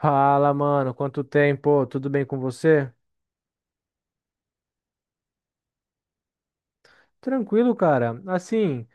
Fala, mano, quanto tempo? Tudo bem com você? Tranquilo, cara. Assim,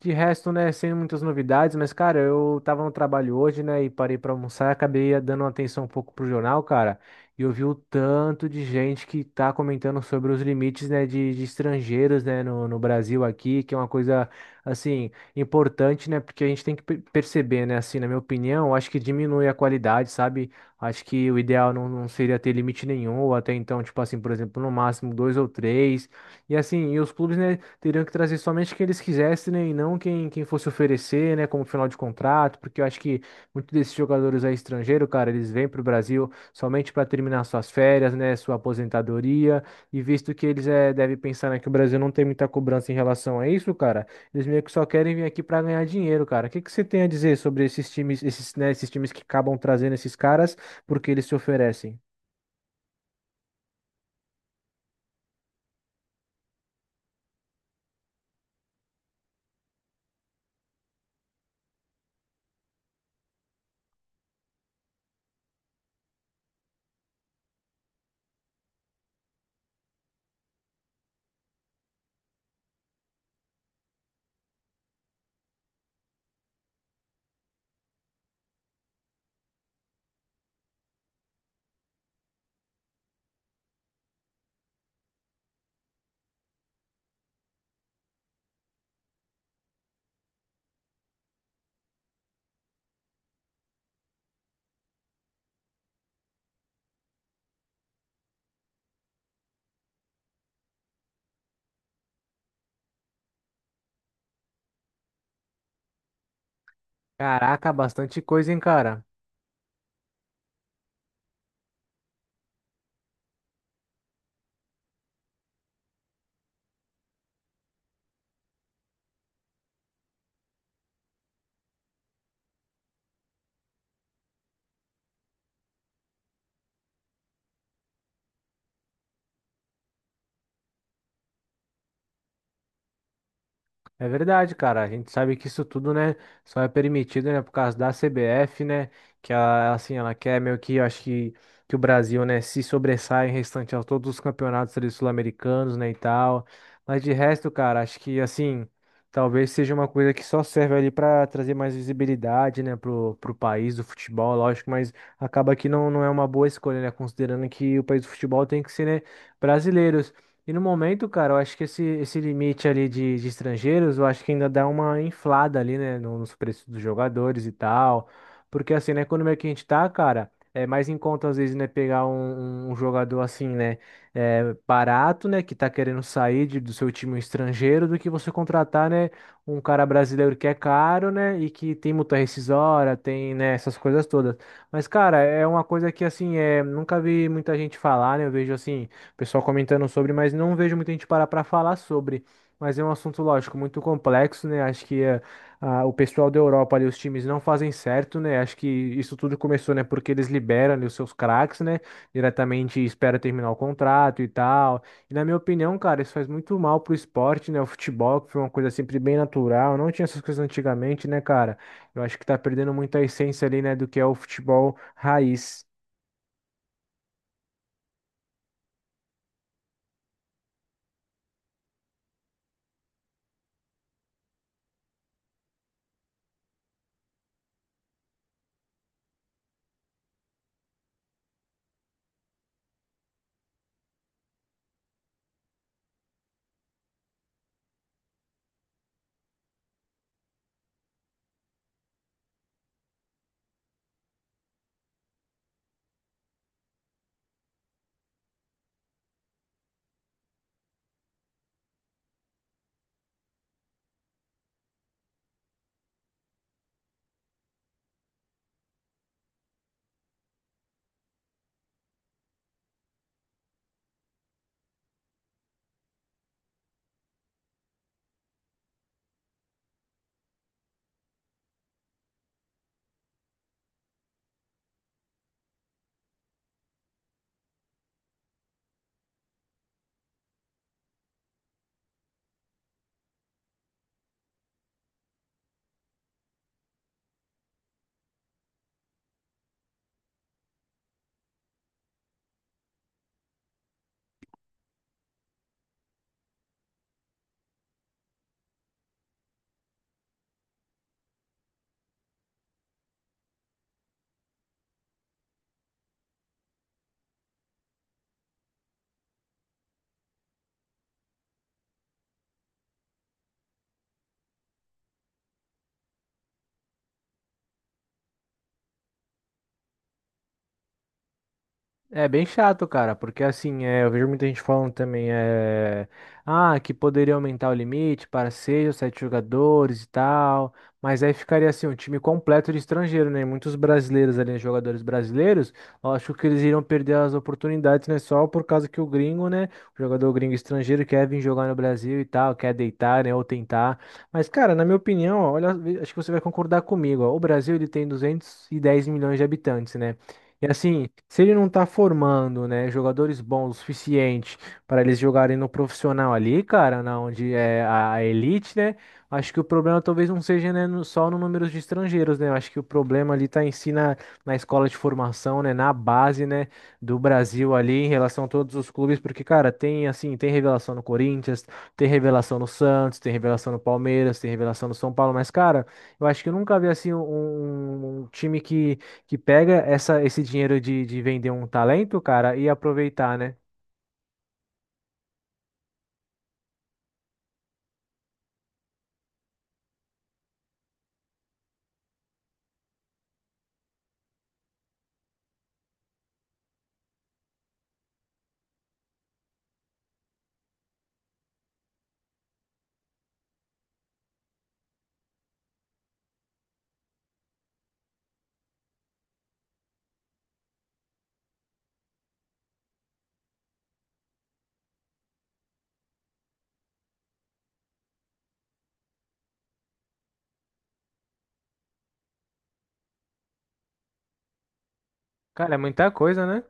de resto, né, sem muitas novidades, mas, cara, eu tava no trabalho hoje, né, e parei pra almoçar, e acabei dando uma atenção um pouco pro jornal, cara, e eu vi o tanto de gente que tá comentando sobre os limites, né, de estrangeiros, né, no Brasil aqui, que é uma coisa, assim, importante, né, porque a gente tem que perceber, né, assim, na minha opinião, eu acho que diminui a qualidade, sabe? Acho que o ideal não seria ter limite nenhum, ou até então, tipo assim, por exemplo, no máximo dois ou três. E assim, e os clubes, né, teriam que trazer somente quem eles quisessem, né? E não quem fosse oferecer, né? Como final de contrato, porque eu acho que muitos desses jogadores aí estrangeiros, cara, eles vêm para o Brasil somente para terminar suas férias, né? Sua aposentadoria. E visto que eles devem pensar, né, que o Brasil não tem muita cobrança em relação a isso, cara, eles meio que só querem vir aqui para ganhar dinheiro, cara. O que que você tem a dizer sobre esses times, esses, né, esses times que acabam trazendo esses caras porque eles se oferecem? Caraca, bastante coisa, hein, cara? É verdade, cara. A gente sabe que isso tudo, né, só é permitido, né, por causa da CBF, né, que ela, assim, ela quer meio que, eu acho que o Brasil, né, se sobressaia em restante a todos os campeonatos ali sul-americanos, né, e tal. Mas de resto, cara, acho que, assim, talvez seja uma coisa que só serve ali para trazer mais visibilidade, né, pro país do futebol, lógico, mas acaba que não é uma boa escolha, né, considerando que o país do futebol tem que ser, né, brasileiro. E no momento, cara, eu acho que esse limite ali de estrangeiros, eu acho que ainda dá uma inflada ali, né, nos preços dos jogadores e tal. Porque assim, né, na economia que a gente tá, cara, é mais em conta às vezes, né, pegar um jogador assim, né, barato, né, que tá querendo sair do seu time um estrangeiro, do que você contratar, né, um cara brasileiro que é caro, né, e que tem multa rescisória, tem, né, essas coisas todas. Mas, cara, é uma coisa que assim, nunca vi muita gente falar, né, eu vejo assim pessoal comentando sobre, mas não vejo muita gente parar para falar sobre. Mas é um assunto, lógico, muito complexo, né? Acho que ah, o pessoal da Europa ali, os times não fazem certo, né? Acho que isso tudo começou, né? Porque eles liberam ali os seus craques, né? Diretamente e espera terminar o contrato e tal. E na minha opinião, cara, isso faz muito mal pro esporte, né? O futebol, que foi uma coisa sempre bem natural, não tinha essas coisas antigamente, né, cara? Eu acho que tá perdendo muito a essência ali, né, do que é o futebol raiz. É bem chato, cara, porque assim, eu vejo muita gente falando também, ah, que poderia aumentar o limite para seis ou sete jogadores e tal, mas aí ficaria assim, um time completo de estrangeiro, né? Muitos brasileiros ali, né, jogadores brasileiros, eu acho que eles iriam perder as oportunidades, né? Só por causa que o gringo, né? O jogador gringo estrangeiro quer vir jogar no Brasil e tal, quer deitar, né? Ou tentar. Mas, cara, na minha opinião, ó, olha, acho que você vai concordar comigo, ó, o Brasil ele tem 210 milhões de habitantes, né? E assim, se ele não tá formando, né, jogadores bons o suficiente para eles jogarem no profissional ali, cara, na onde é a elite, né? Acho que o problema talvez não seja, né, só no número de estrangeiros, né? Eu acho que o problema ali tá em si na, escola de formação, né, na base, né, do Brasil ali em relação a todos os clubes, porque, cara, tem assim, tem revelação no Corinthians, tem revelação no Santos, tem revelação no Palmeiras, tem revelação no São Paulo, mas, cara, eu acho que eu nunca vi assim um um time que pega essa, esse dinheiro de vender um talento, cara, e aproveitar, né? Cara, é muita coisa, né?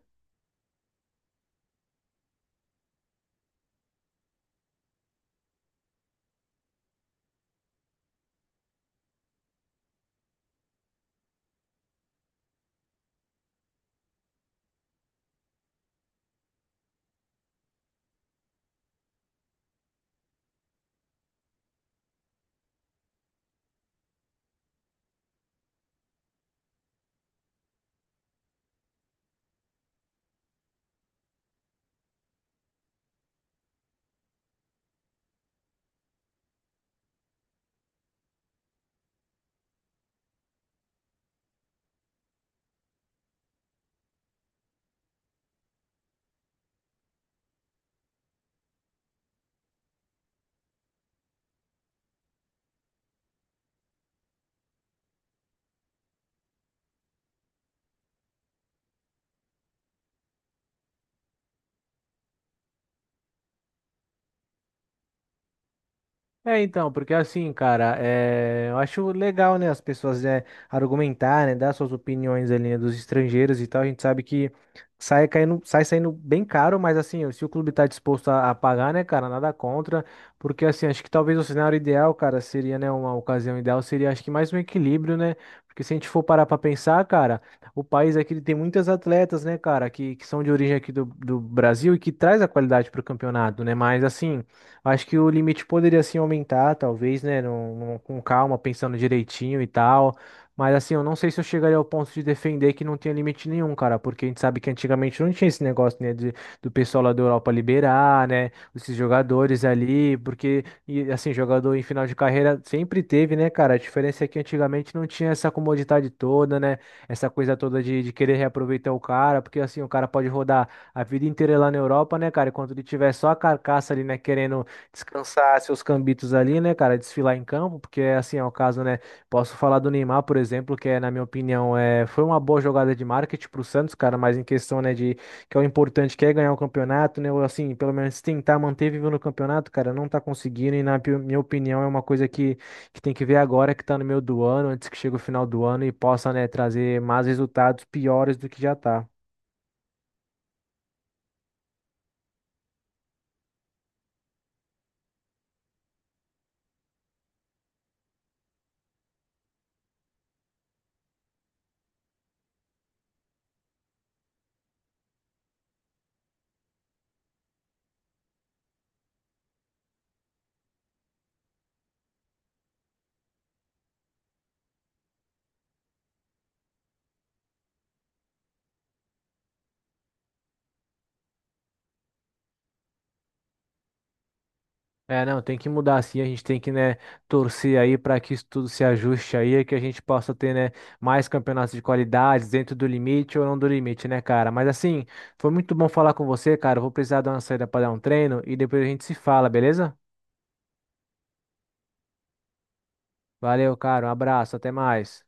É, então, porque assim, cara, eu acho legal, né, as pessoas argumentar, né, dar suas opiniões ali, né, dos estrangeiros e tal. A gente sabe que sai caindo, sai saindo bem caro, mas assim, se o clube tá disposto a pagar, né, cara, nada contra, porque assim, acho que talvez o cenário ideal, cara, seria, né, uma ocasião ideal seria, acho que mais um equilíbrio, né, porque se a gente for parar pra pensar, cara, o país aqui ele tem muitas atletas, né, cara, que são de origem aqui do Brasil e que traz a qualidade pro campeonato, né, mas assim. Acho que o limite poderia sim aumentar, talvez, né? Com calma, pensando direitinho e tal. Mas assim, eu não sei se eu chegaria ao ponto de defender que não tinha limite nenhum, cara, porque a gente sabe que antigamente não tinha esse negócio, né, de, do pessoal lá da Europa liberar, né, esses jogadores ali, porque, e, assim, jogador em final de carreira sempre teve, né, cara, a diferença é que antigamente não tinha essa comodidade toda, né, essa coisa toda de querer reaproveitar o cara, porque, assim, o cara pode rodar a vida inteira lá na Europa, né, cara, enquanto ele tiver só a carcaça ali, né, querendo descansar seus cambitos ali, né, cara, desfilar em campo, porque assim é o caso, né? Posso falar do Neymar, por exemplo, que é, na minha opinião, foi uma boa jogada de marketing pro Santos, cara, mas em questão, né, de que é o importante que é ganhar o campeonato, né, ou assim, pelo menos tentar manter vivo no campeonato, cara, não tá conseguindo e na minha opinião é uma coisa que tem que ver agora que tá no meio do ano, antes que chegue o final do ano e possa, né, trazer mais resultados piores do que já tá. É, não, tem que mudar assim, a gente tem que, né, torcer aí para que isso tudo se ajuste aí, que a gente possa ter, né, mais campeonatos de qualidade dentro do limite ou não do limite, né, cara? Mas assim, foi muito bom falar com você, cara. Eu vou precisar dar uma saída para dar um treino e depois a gente se fala, beleza? Valeu, cara. Um abraço, até mais.